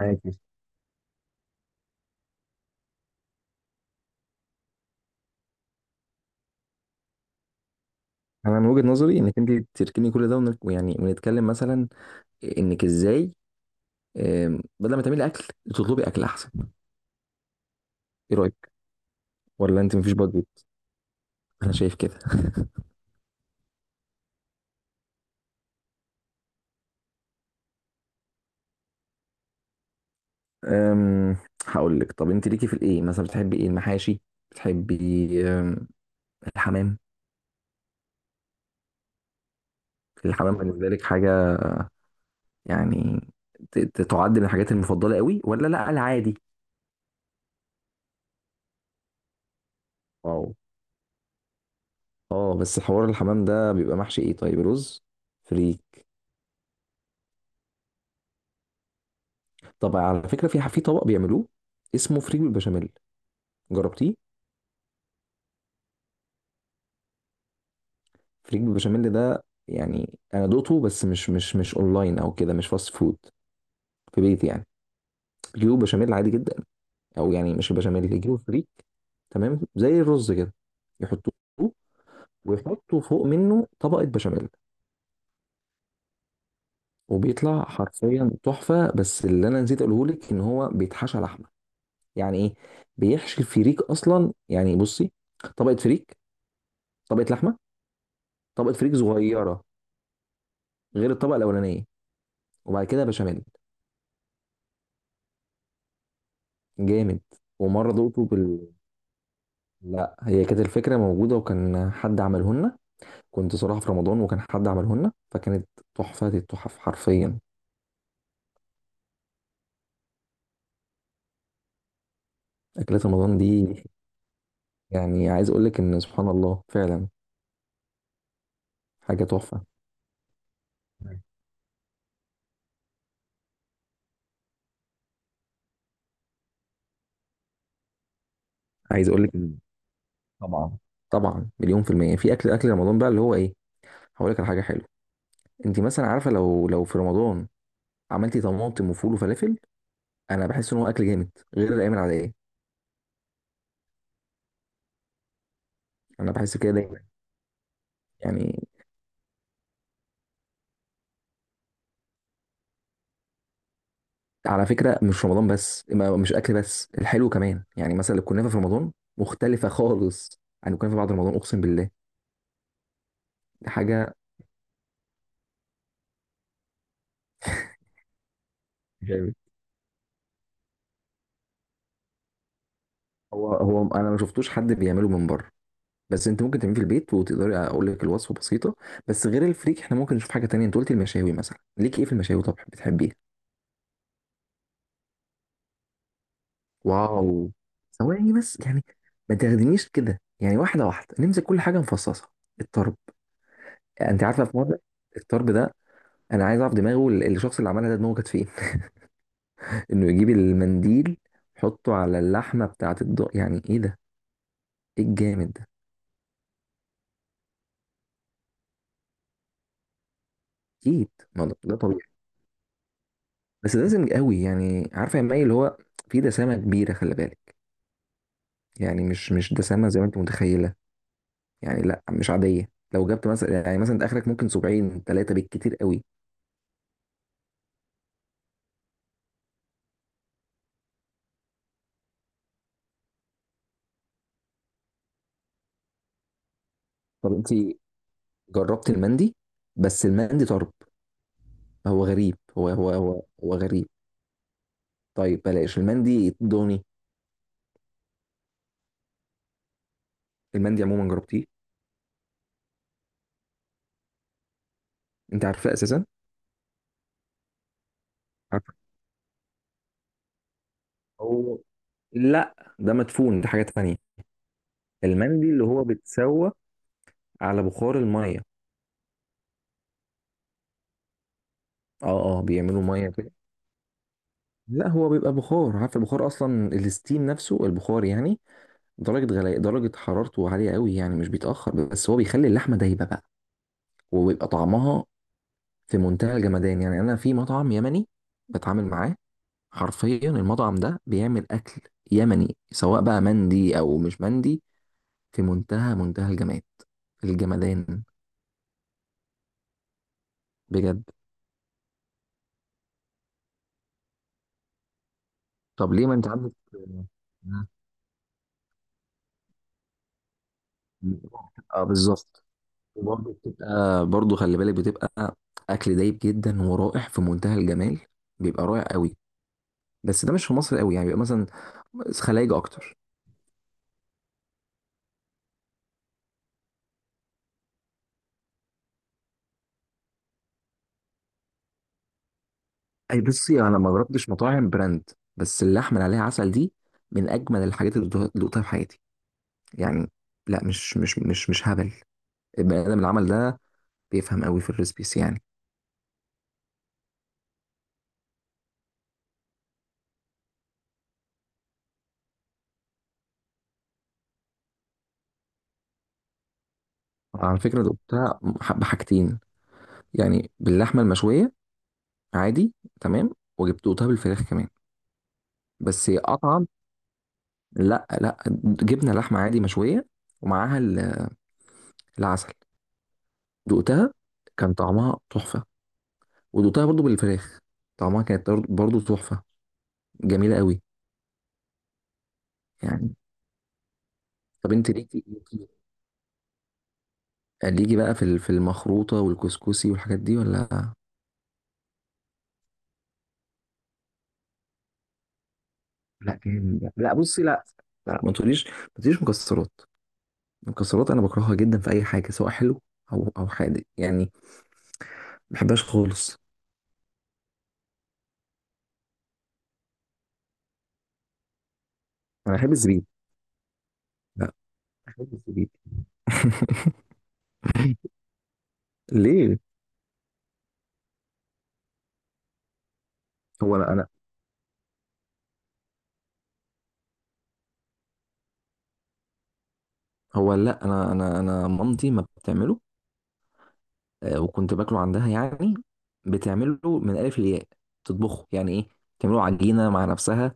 معاكي. انا من وجهة نظري انك انت تركني كل ده ويعني ونتكلم مثلا انك ازاي. بدل ما تعملي اكل، تطلبي اكل احسن. ايه رايك؟ ولا انت مفيش بادجت. انا شايف كده. أم هقول لك، طب انت ليكي في الايه مثلا، بتحبي ايه، المحاشي؟ بتحبي أم، الحمام؟ الحمام بالنسبه لك حاجه يعني تعد من الحاجات المفضله قوي، ولا لا العادي؟ واو. اه بس حوار الحمام ده بيبقى محشي ايه، طيب رز، فريك؟ طب على فكرة، في طبق بيعملوه اسمه فريك بالبشاميل، جربتيه؟ فريك بالبشاميل ده يعني انا دوقته، بس مش اونلاين او كده، مش فاست فود. في بيتي يعني. بيجيبوا بشاميل عادي جدا، او يعني مش البشاميل، يجيبوا فريك. تمام زي الرز كده يحطوه، ويحطوا فوق منه طبقة بشاميل. وبيطلع حرفيا تحفة. بس اللي انا نسيت اقوله لك ان هو بيتحشى لحمة، يعني ايه؟ بيحشي الفريك اصلا، يعني بصي، طبقة فريك، طبقة لحمة، طبقة فريك صغيرة غير الطبقه الاولانيه، وبعد كده بشاميل. جامد. ومره دقته لا، هي كانت الفكره موجوده وكان حد عمله لنا. كنت صراحه في رمضان وكان حد عمله لنا، فكانت تحفه التحف حرفيا. اكلات رمضان دي، يعني عايز اقول لك ان سبحان الله فعلا حاجه تحفه. عايز اقول لك إن طبعا، 1000000% في أكل رمضان بقى، اللي هو إيه. هقول لك على حاجة حلوة. أنت مثلا عارفة، لو في رمضان عملتي طماطم وفول وفلافل، أنا بحس إن هو أكل جامد غير الأيام العادية. أنا بحس كده يعني. على فكرة مش رمضان بس، مش أكل بس، الحلو كمان. يعني مثلا الكنافة في رمضان مختلفة خالص عن الكنافة بعد رمضان، أقسم بالله. دي حاجة. جامد. هو أنا ما شفتوش حد بيعمله من بره، بس أنت ممكن تعمليه في البيت وتقدري. أقول لك الوصفة بسيطة. بس غير الفريك، إحنا ممكن نشوف حاجة تانية. أنت قلت المشاوي مثلا، ليك إيه في المشاوي؟ طب بتحبيه؟ واو. ثواني بس يعني، ما تاخدنيش كده، يعني واحدة واحدة، نمسك كل حاجة مفصصة. الطرب. أنت عارفة، في مرة الطرب ده، انا عايز اعرف دماغه، الشخص اللي عملها ده، دماغه كانت فين؟ انه يجيب المنديل يحطه على اللحمه بتاعه الض، يعني ايه ده، ايه الجامد ده. اكيد، ما ده طبيعي. بس ده دسم قوي، يعني عارفه يا مي اللي هو في دسامه كبيره، خلي بالك. يعني مش دسامه زي ما انت متخيله، يعني لا، مش عاديه. لو جبت مثلا، يعني مثلا انت اخرك ممكن 70 ثلاثه بالكتير قوي. طب انت جربت المندي؟ بس المندي طرب، هو غريب. هو غريب. طيب بلاش المندي دوني. المندي عموما جربتيه؟ انت عارفاه اساسا؟ هو لا، ده مدفون، دي حاجة تانية. المندي اللي هو بيتسوى على بخار المية. اه، اه، بيعملوا مية كده. لا، هو بيبقى بخار، عارف البخار اصلا، الستيم نفسه، البخار يعني. درجة غلاء، درجة حرارته عالية قوي، يعني مش بيتأخر، بس هو بيخلي اللحمة دايبة بقى، وبيبقى طعمها في منتهى الجمدان. يعني انا في مطعم يمني بتعامل معاه، حرفيا المطعم ده بيعمل اكل يمني، سواء بقى مندي او مش مندي، في منتهى الجمال، الجمدان. بجد. طب ليه، ما انت عندك. اه بالظبط. وبرضه بتبقى، برضه خلي بالك، بتبقى اكل دايب جدا ورائع في منتهى الجمال، بيبقى رائع قوي. بس ده مش في مصر قوي، يعني بيبقى مثلا خلايج اكتر. اي بصي، انا ما جربتش مطاعم براند، بس اللحمه اللي عليها عسل دي من اجمل الحاجات اللي دوقتها في حياتي يعني. لا، مش هبل، البني ادم اللي عمل ده بيفهم قوي في الريسبيس يعني. على فكره دوقتها بحاجتين، يعني باللحمه المشويه عادي، تمام، وجبتوها بالفراخ كمان بس اطعم. لا، لا، جبنه لحمه عادي مشويه، ومعاها العسل. دقتها كان طعمها تحفه، ودقتها برضو بالفراخ، طعمها كانت برضو تحفه، جميله قوي يعني. طب انت ليكي، ليكي بقى في المخروطه والكسكسي والحاجات دي ولا؟ لا جامد. لا بصي، لا، لا، ما تقوليش مكسرات. المكسرات انا بكرهها جدا في اي حاجه، سواء حلو او حادق، يعني ما بحبهاش خالص. انا بحب الزبيب. خالص جديد. ليه. هو انا هو لا، انا مامتي ما بتعمله وكنت باكله عندها يعني. بتعمله من الف للياء، تطبخه، يعني ايه، تعمله عجينه مع نفسها،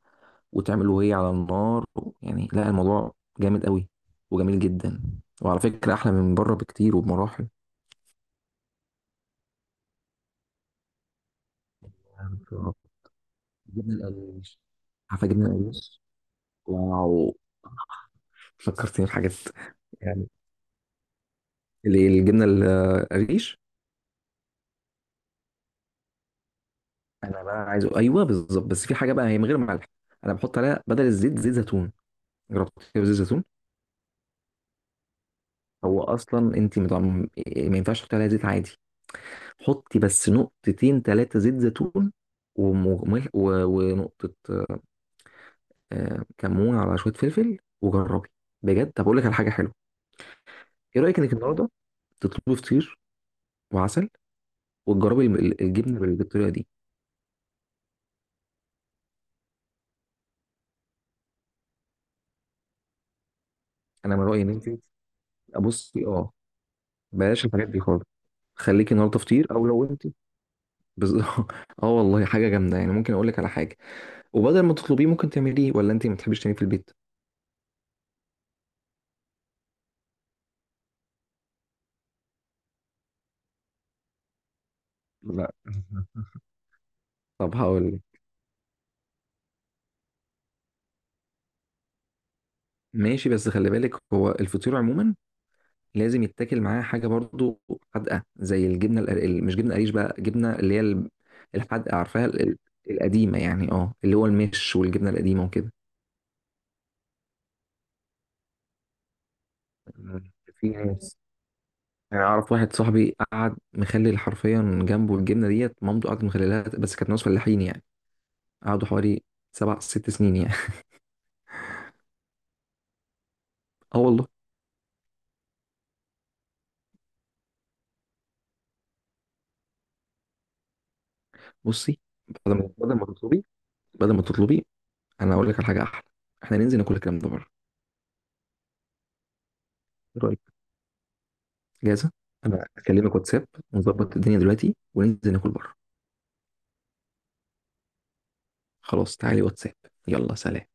وتعمله هي على النار. يعني لا، الموضوع جامد قوي وجميل جدا. وعلى فكره احلى من بره بكتير وبمراحل. جبنه القريش. عارفه جبنه القريش؟ واو، فكرتني بحاجات يعني. الجبنه القريش. انا بقى عايزه، ايوه بالظبط، بس في حاجه بقى هي من غير ملح. انا بحط عليها بدل الزيت زيت زيتون. جربت كده زيت زيتون؟ هو اصلا انت ما ينفعش تحطي عليها زيت عادي. حطي بس نقطتين 3 زيت زيتون، وملح، ونقطه كمون، على شويه فلفل، وجربي بجد. طب اقول لك على حاجه حلوه. ايه رايك انك النهارده تطلبي فطير وعسل، وتجربي الجبنه بالطريقه دي. انا من رايي ان انت، ابصي اه، بلاش الحاجات دي خالص. خليكي النهارده فطير، او لو انت بز... اه والله حاجه جامده يعني. ممكن اقول لك على حاجه، وبدل ما تطلبيه ممكن تعمليه، ولا انت ما بتحبيش تعمليه في البيت؟ لا. طب هقول لك، ماشي، بس خلي بالك هو الفطير عموما لازم يتاكل معاه حاجه برضو حادقه، زي الجبنه القرقل، مش جبنه قريش بقى، جبنه اللي هي الحادقه عارفاها، القديمه يعني، اه اللي هو المش والجبنه القديمه وكده. في ناس، يعني اعرف واحد صاحبي قعد مخلل حرفيا جنبه الجبنه ديت، مامته قعدت مخللها، بس كانت ناس فلاحين يعني، قعدوا حوالي 7 6 سنين يعني. اه والله. بصي، بدل ما تطلبي، بدل ما تطلبي انا هقول لك على حاجه احلى، احنا ننزل ناكل الكلام ده بره. ايه رايك؟ جاهزه. انا اكلمك واتساب، ونظبط الدنيا دلوقتي، وننزل ناكل بره. خلاص تعالي واتساب. يلا سلام.